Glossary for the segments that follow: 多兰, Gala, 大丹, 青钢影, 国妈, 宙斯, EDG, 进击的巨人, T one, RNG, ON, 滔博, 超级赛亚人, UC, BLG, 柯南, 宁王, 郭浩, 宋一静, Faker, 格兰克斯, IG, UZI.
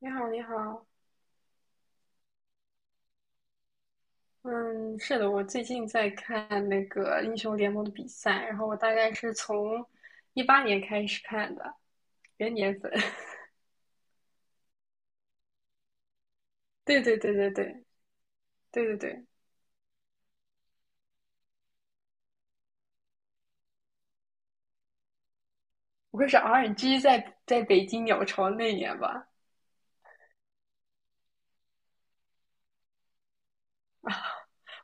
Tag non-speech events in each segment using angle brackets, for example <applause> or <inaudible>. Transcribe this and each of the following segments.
你好，你好。嗯，是的，我最近在看那个英雄联盟的比赛，然后我大概是从18年开始看的，元年粉。<laughs> 对对对对对对对对，我会是 RNG 在北京鸟巢那年吧。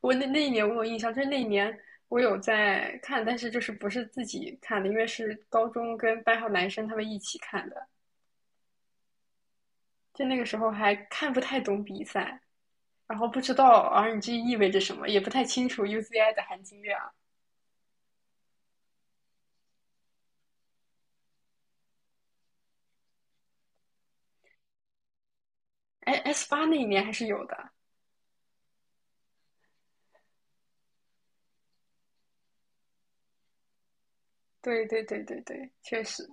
我那一年我有印象，就是那一年我有在看，但是就是不是自己看的，因为是高中跟班上男生他们一起看的，就那个时候还看不太懂比赛，然后不知道 RNG 意味着什么，也不太清楚 UZI 的含金量。哎，S 八那一年还是有的。对对对对对，确实。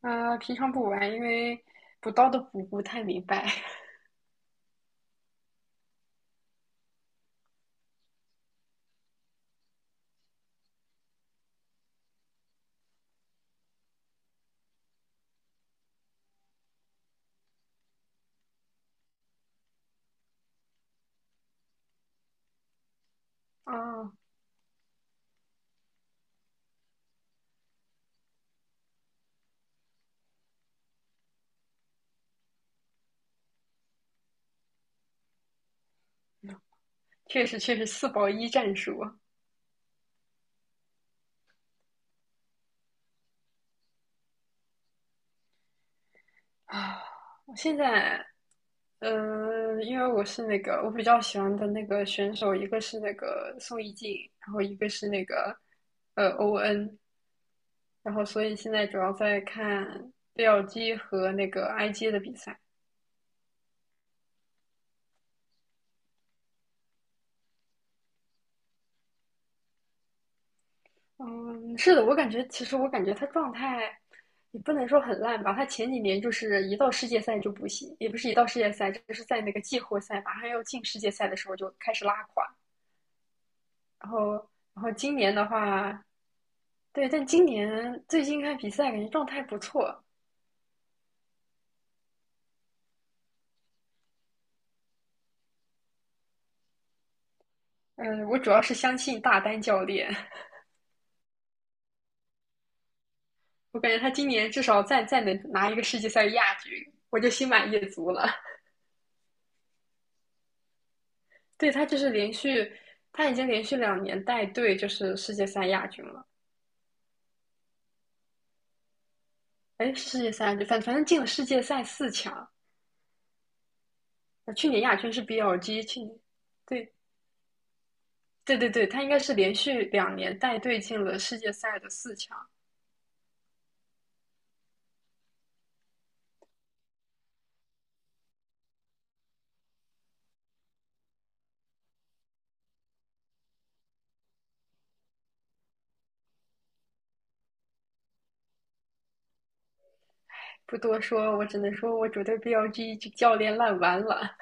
啊、平常不玩，因为补刀的补不太明白。啊，确实确实四保一战术。啊，我现在，嗯，因为我是那个我比较喜欢的那个选手，一个是那个宋一静，然后一个是那个ON，然后所以现在主要在看 BLG 和那个 IG 的比赛。嗯，是的，我感觉其实我感觉他状态也不能说很烂吧，他前几年就是一到世界赛就不行，也不是一到世界赛，就是在那个季后赛马上要进世界赛的时候就开始拉垮，然后然后今年的话，对，但今年最近看比赛感觉状态不错。嗯，我主要是相信大丹教练。我感觉他今年至少再能拿一个世界赛亚军，我就心满意足了。<laughs> 对，他已经连续两年带队就是世界赛亚军了。哎，世界赛，反正进了世界赛四强。去年亚军是 BLG，去年，对对对对，他应该是连续两年带队进了世界赛的四强。不多说，我只能说我觉得 BLG 这教练烂完了。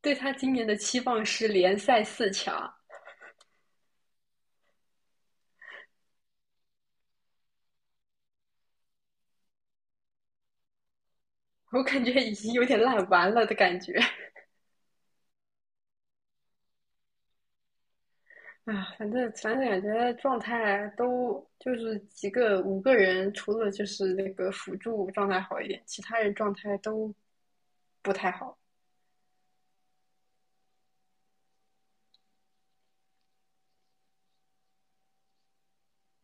对他今年的期望是联赛四强。我感觉已经有点烂完了的感觉。啊，反正感觉状态都就是五个人，除了就是那个辅助状态好一点，其他人状态都不太好。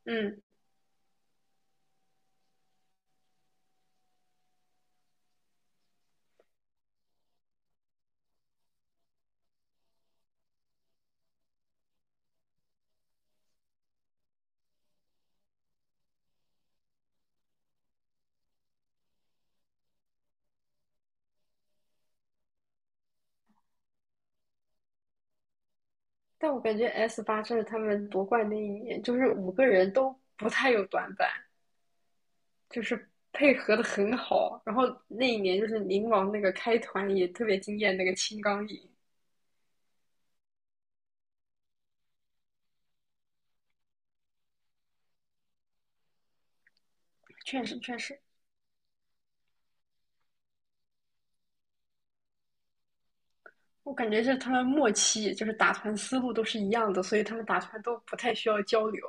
嗯。但我感觉 S 八这是他们夺冠那一年，就是五个人都不太有短板，就是配合的很好。然后那一年就是宁王那个开团也特别惊艳，那个青钢影，确实确实。我感觉是他们默契，就是打团思路都是一样的，所以他们打团都不太需要交流。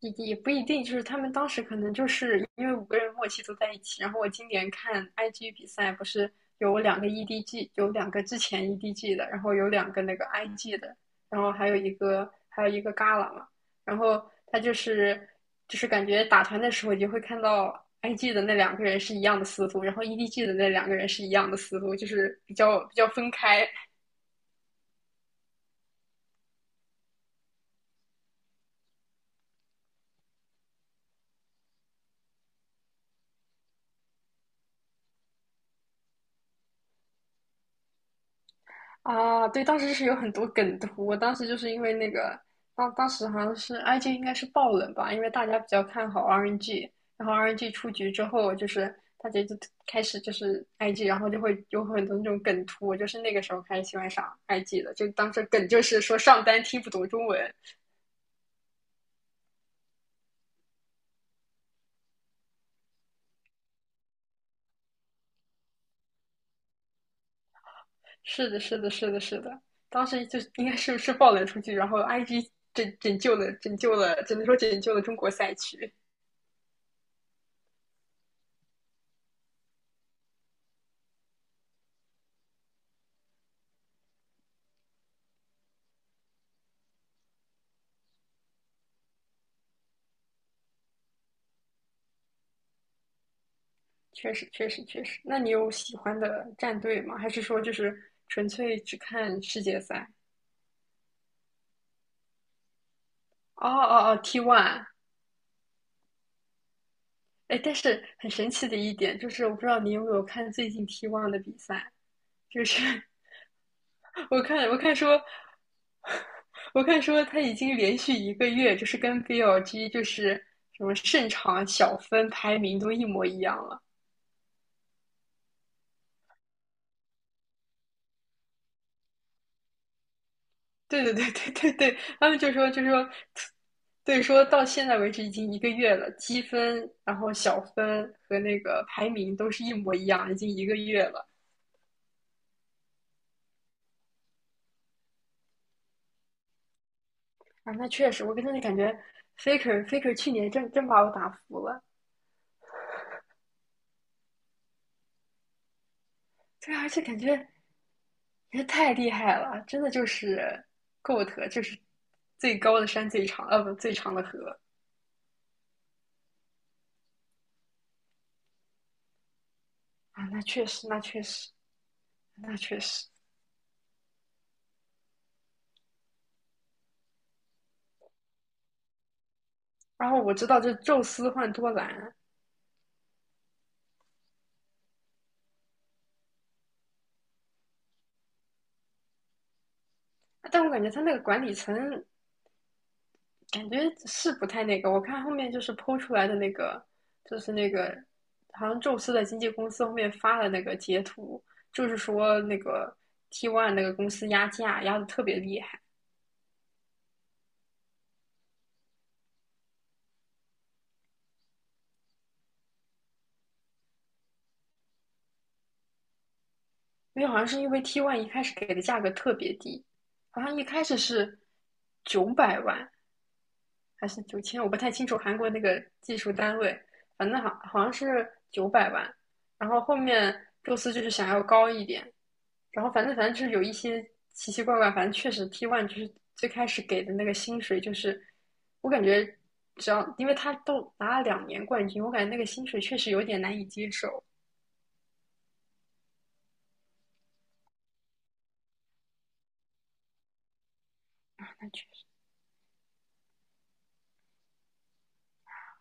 也不一定，就是他们当时可能就是因为五个人默契都在一起。然后我今年看 IG 比赛，不是有两个 EDG，有两个之前 EDG 的，然后有两个那个 IG 的，然后还有一个 Gala 嘛。然后他就是感觉打团的时候，你就会看到 IG 的那两个人是一样的思路，然后 EDG 的那两个人是一样的思路，就是比较分开。啊，对，当时是有很多梗图，我当时就是因为那个，当时好像是 IG 应该是爆冷吧，因为大家比较看好 RNG，然后 RNG 出局之后，就是大家就开始就是 IG，然后就会有很多那种梗图，我就是那个时候开始喜欢上 IG 的，就当时梗就是说上单听不懂中文。是的，是的，是的，是的，当时就应该是爆冷出局，然后 IG 拯救了，只能说拯救了中国赛区。确实，确实，确实。那你有喜欢的战队吗？还是说就是纯粹只看世界赛？哦哦哦，T one。哎，但是很神奇的一点就是，我不知道你有没有看最近 T one 的比赛，就是。 <laughs> 我看说，我看说他已经连续一个月就是跟 BLG 就是什么胜场小分排名都一模一样了。对对对对对对，他们就说，对，说到现在为止已经一个月了，积分，然后小分和那个排名都是一模一样，已经一个月了。啊，那确实，我跟他的感觉，Faker 去年真把我打服了。对啊，而且感觉也太厉害了，真的就是 GOAT，就是最高的山最长，不，最长的河。啊，那确实，那确实，那确实。然后我知道这宙斯换多兰。但我感觉他那个管理层感觉是不太那个。我看后面就是剖出来的那个，就是那个好像宙斯的经纪公司后面发了那个截图，就是说那个 T One 那个公司压价压的特别厉害。因为好像是因为 T One 一开始给的价格特别低，好像一开始是九百万还是9000，我不太清楚韩国那个技术单位，反正好像是九百万。然后后面宙斯就是想要高一点。然后反正就是有一些奇奇怪怪，反正确实 T one 就是最开始给的那个薪水，就是我感觉只要因为他都拿了两年冠军，我感觉那个薪水确实有点难以接受。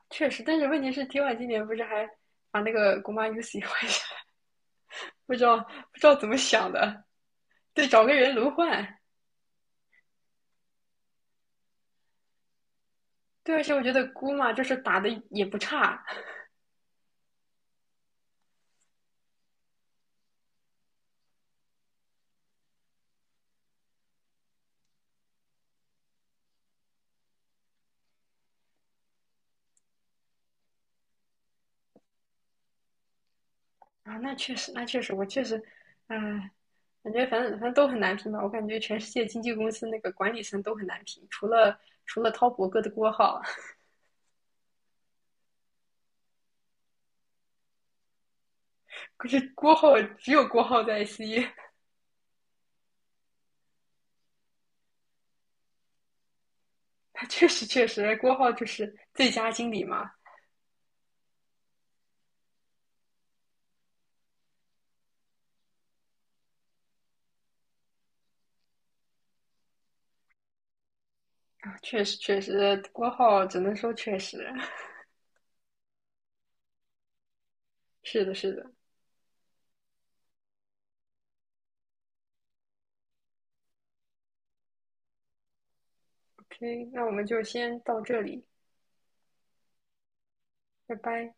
确实，但是问题是 T one 今年不是还把那个国妈 UC 换下来，不知道怎么想的，对，找个人轮换。对，而且我觉得姑妈就是打的也不差。啊，那确实，那确实，我确实，唉，感觉反正都很难评吧。我感觉全世界经纪公司那个管理层都很难评，除了滔博哥的郭浩。可是只有郭浩在 I C，他 <laughs> 确实确实郭浩就是最佳经理嘛。确实确实郭浩只能说确实。 <laughs> 是的是的。OK，那我们就先到这里，拜拜。